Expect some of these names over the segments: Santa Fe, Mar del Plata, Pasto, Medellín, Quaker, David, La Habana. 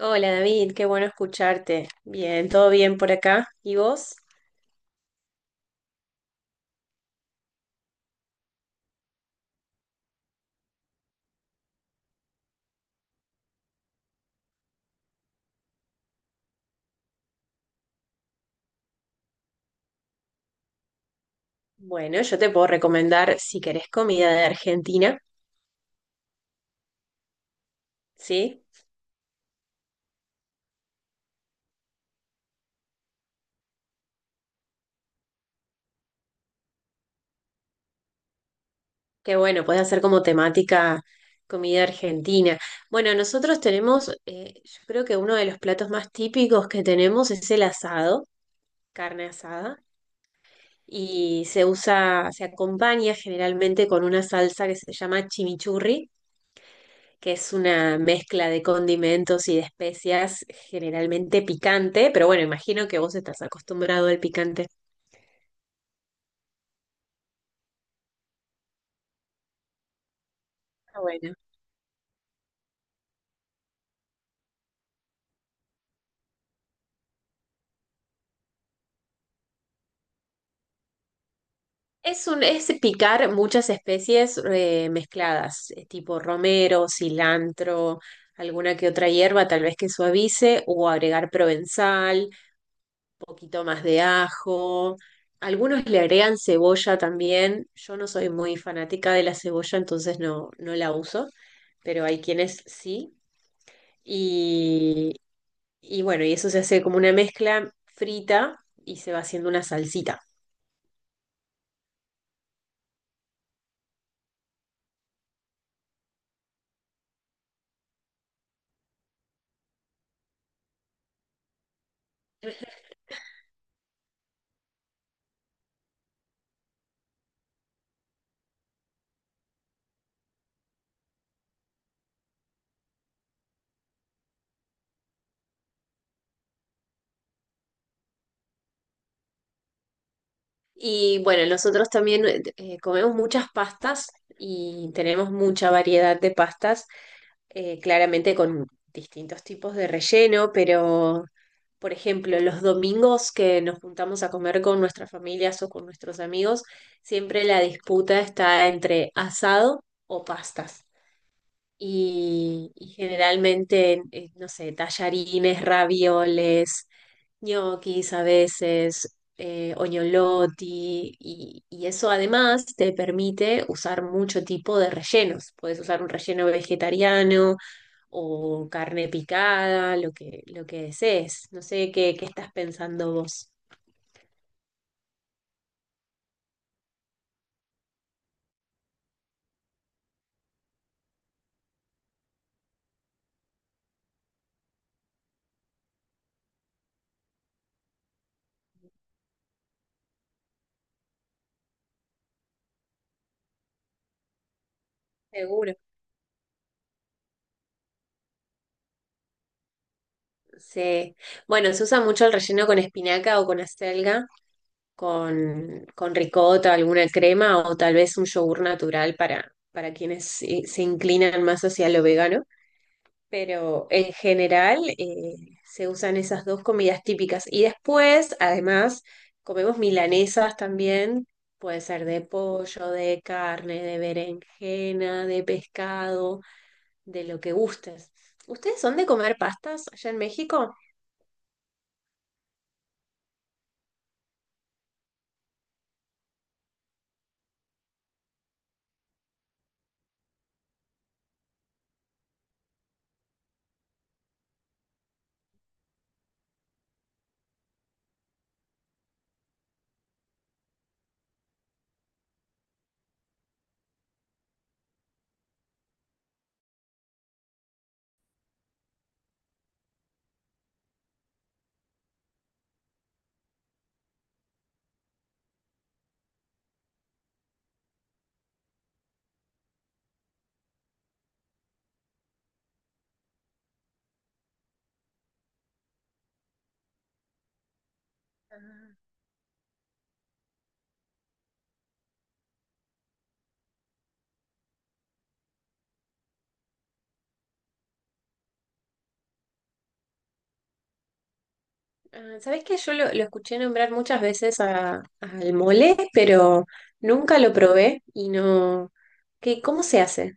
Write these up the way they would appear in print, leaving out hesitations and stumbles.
Hola David, qué bueno escucharte. Bien, todo bien por acá. ¿Y vos? Bueno, yo te puedo recomendar si querés comida de Argentina, ¿sí? Qué bueno, puedes hacer como temática comida argentina. Bueno, nosotros tenemos, yo creo que uno de los platos más típicos que tenemos es el asado, carne asada, y se usa, se acompaña generalmente con una salsa que se llama chimichurri que es una mezcla de condimentos y de especias, generalmente picante, pero bueno, imagino que vos estás acostumbrado al picante. Pero bueno, es picar muchas especies mezcladas, tipo romero, cilantro, alguna que otra hierba, tal vez que suavice, o agregar provenzal, poquito más de ajo. Algunos le agregan cebolla también. Yo no soy muy fanática de la cebolla, entonces no la uso, pero hay quienes sí. Y, y bueno, y eso se hace como una mezcla frita y se va haciendo una salsita. Y bueno, nosotros también comemos muchas pastas y tenemos mucha variedad de pastas, claramente con distintos tipos de relleno, pero por ejemplo, los domingos que nos juntamos a comer con nuestras familias o con nuestros amigos, siempre la disputa está entre asado o pastas. Y generalmente, no sé, tallarines, ravioles, ñoquis a veces, oñoloti, y eso además te permite usar mucho tipo de rellenos. Puedes usar un relleno vegetariano o carne picada, lo que desees. No sé qué estás pensando vos. Seguro. Sí. Bueno, se usa mucho el relleno con espinaca o con acelga, con ricota, alguna crema o tal vez un yogur natural para quienes se inclinan más hacia lo vegano. Pero en general se usan esas dos comidas típicas. Y después, además, comemos milanesas también. Puede ser de pollo, de carne, de berenjena, de pescado, de lo que gustes. ¿Ustedes son de comer pastas allá en México? Ah, ¿sabés que yo lo escuché nombrar muchas veces al mole, pero nunca lo probé y no... ¿Qué, cómo se hace?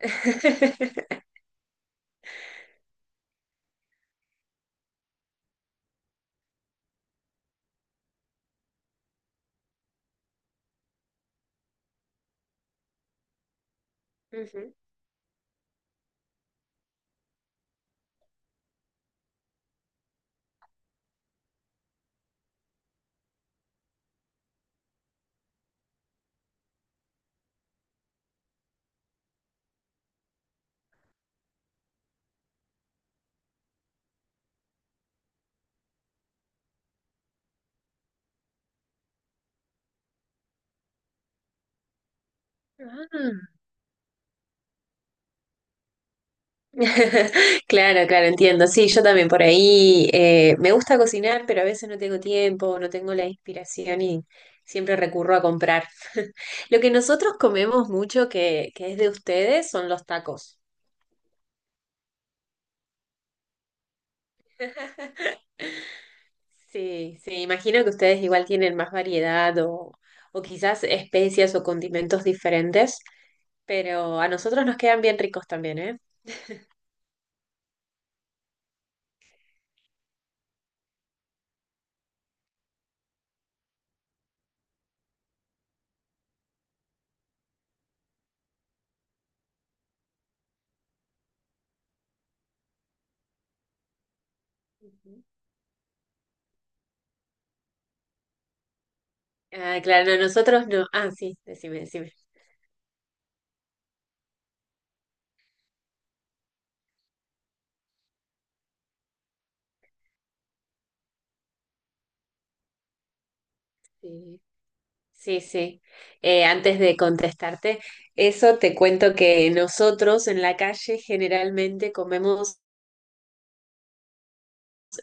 Ujú. Ah. Claro, claro, entiendo. Sí, yo también por ahí me gusta cocinar, pero a veces no tengo tiempo, no tengo la inspiración y siempre recurro a comprar. Lo que nosotros comemos mucho que es de ustedes son los tacos. Sí, sí, imagino que ustedes igual tienen más variedad o quizás especias o condimentos diferentes, pero a nosotros nos quedan bien ricos también, ¿eh? Ujú. Ah, claro, no, nosotros no. Ah, sí, decime, decime. Sí. Sí, sí. Antes de contestarte, eso te cuento que nosotros en la calle generalmente comemos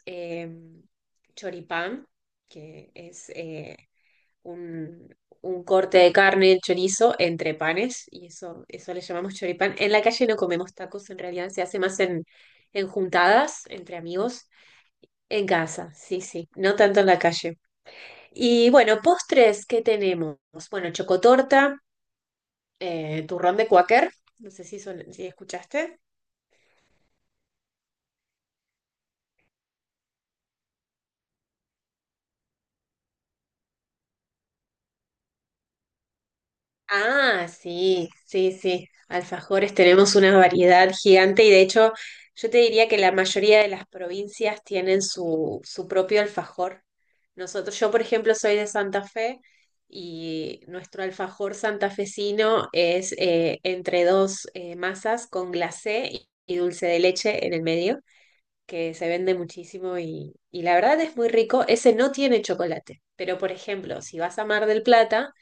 eh, choripán, que es un, un corte de carne, chorizo, entre panes, y eso le llamamos choripán. En la calle no comemos tacos, en realidad se hace más en juntadas entre amigos. En casa, sí, sí, no tanto en la calle. Y bueno, postres, ¿qué tenemos? Bueno, chocotorta turrón de Quaker, no sé si, si escuchaste. Ah, sí, sí, sí. Alfajores tenemos una variedad gigante y de hecho yo te diría que la mayoría de las provincias tienen su propio alfajor. Nosotros, yo por ejemplo soy de Santa Fe y nuestro alfajor santafesino es entre dos masas con glacé y dulce de leche en el medio. Que se vende muchísimo y la verdad es muy rico. Ese no tiene chocolate, pero por ejemplo, si vas a Mar del Plata,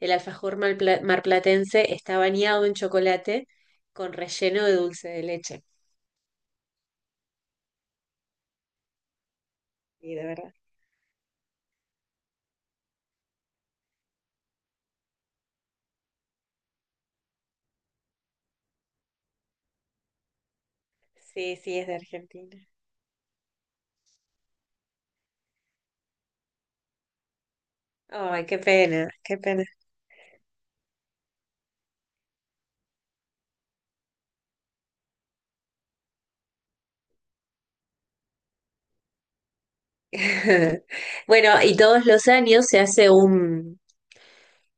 el alfajor marplatense está bañado en chocolate con relleno de dulce de leche. Sí, de verdad. Sí, sí, es de Argentina. Ay, qué pena, qué pena. Bueno, y todos los años se hace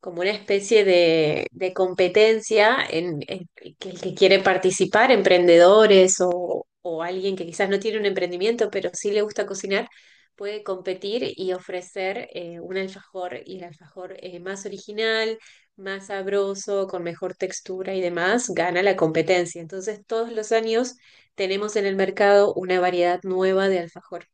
como una especie de competencia en que el que quiere participar, emprendedores o alguien que quizás no tiene un emprendimiento, pero sí le gusta cocinar, puede competir y ofrecer un alfajor y el alfajor más original, más sabroso, con mejor textura y demás, gana la competencia. Entonces, todos los años tenemos en el mercado una variedad nueva de alfajor.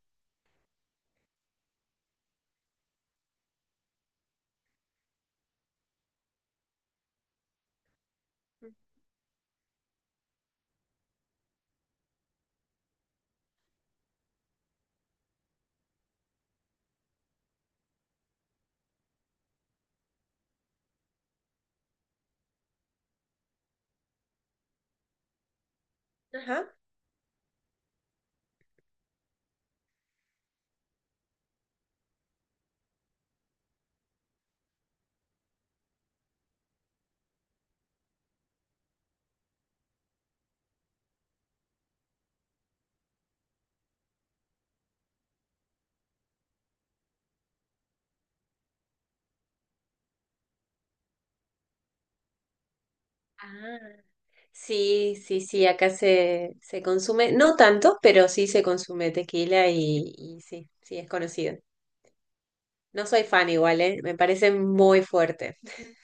Ajá. Ah, sí, sí, sí, acá se consume, no tanto, pero sí se consume tequila y sí, sí, es conocido. No soy fan igual, ¿eh? Me parece muy fuerte.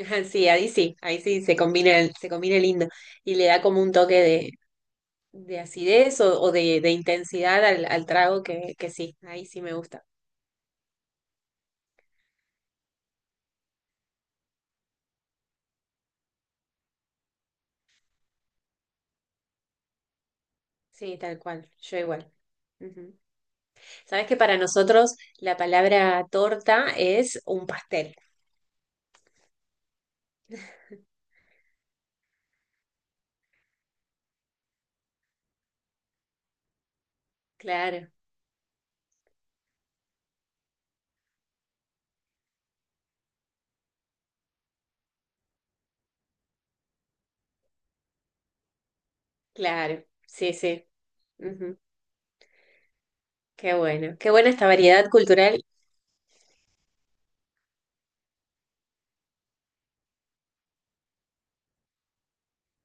Ajá, sí, ahí sí, ahí sí se combina, se combina lindo y le da como un toque de acidez o de intensidad al trago que sí, ahí sí me gusta. Sí, tal cual, yo igual. Ujú. Sabes que para nosotros la palabra torta es un pastel. Claro, claro, sí, sí. Ujú, qué bueno, qué buena esta variedad cultural.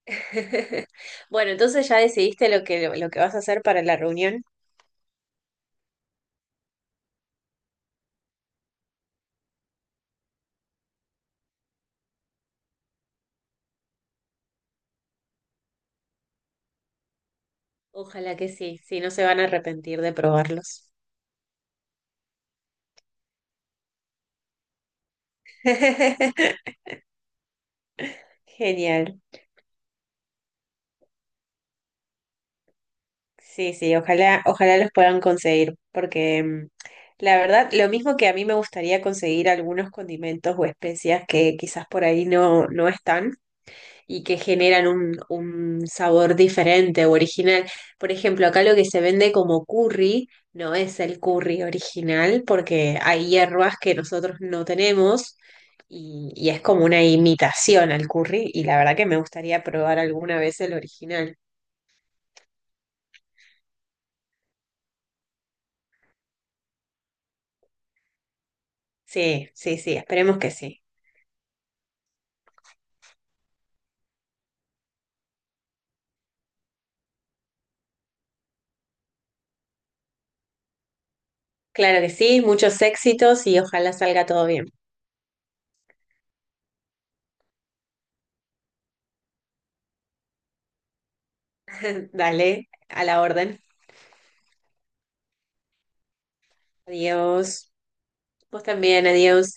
Bueno, entonces ya decidiste lo que vas a hacer para la reunión. Ojalá que sí, sí, no se van a arrepentir de probarlos. Genial. Sí, sí, ojalá, ojalá los puedan conseguir, porque mm, la verdad, lo mismo que a mí me gustaría conseguir algunos condimentos o especias que quizás por ahí no están. Y que generan un sabor diferente o original. Por ejemplo, acá lo que se vende como curry no es el curry original porque hay hierbas que nosotros no tenemos y es como una imitación al curry y la verdad que me gustaría probar alguna vez el original. Sí, sí, sí, esperemos que sí. Claro que sí, muchos éxitos y ojalá salga todo bien. Dale, a la orden. Adiós. Vos también, adiós.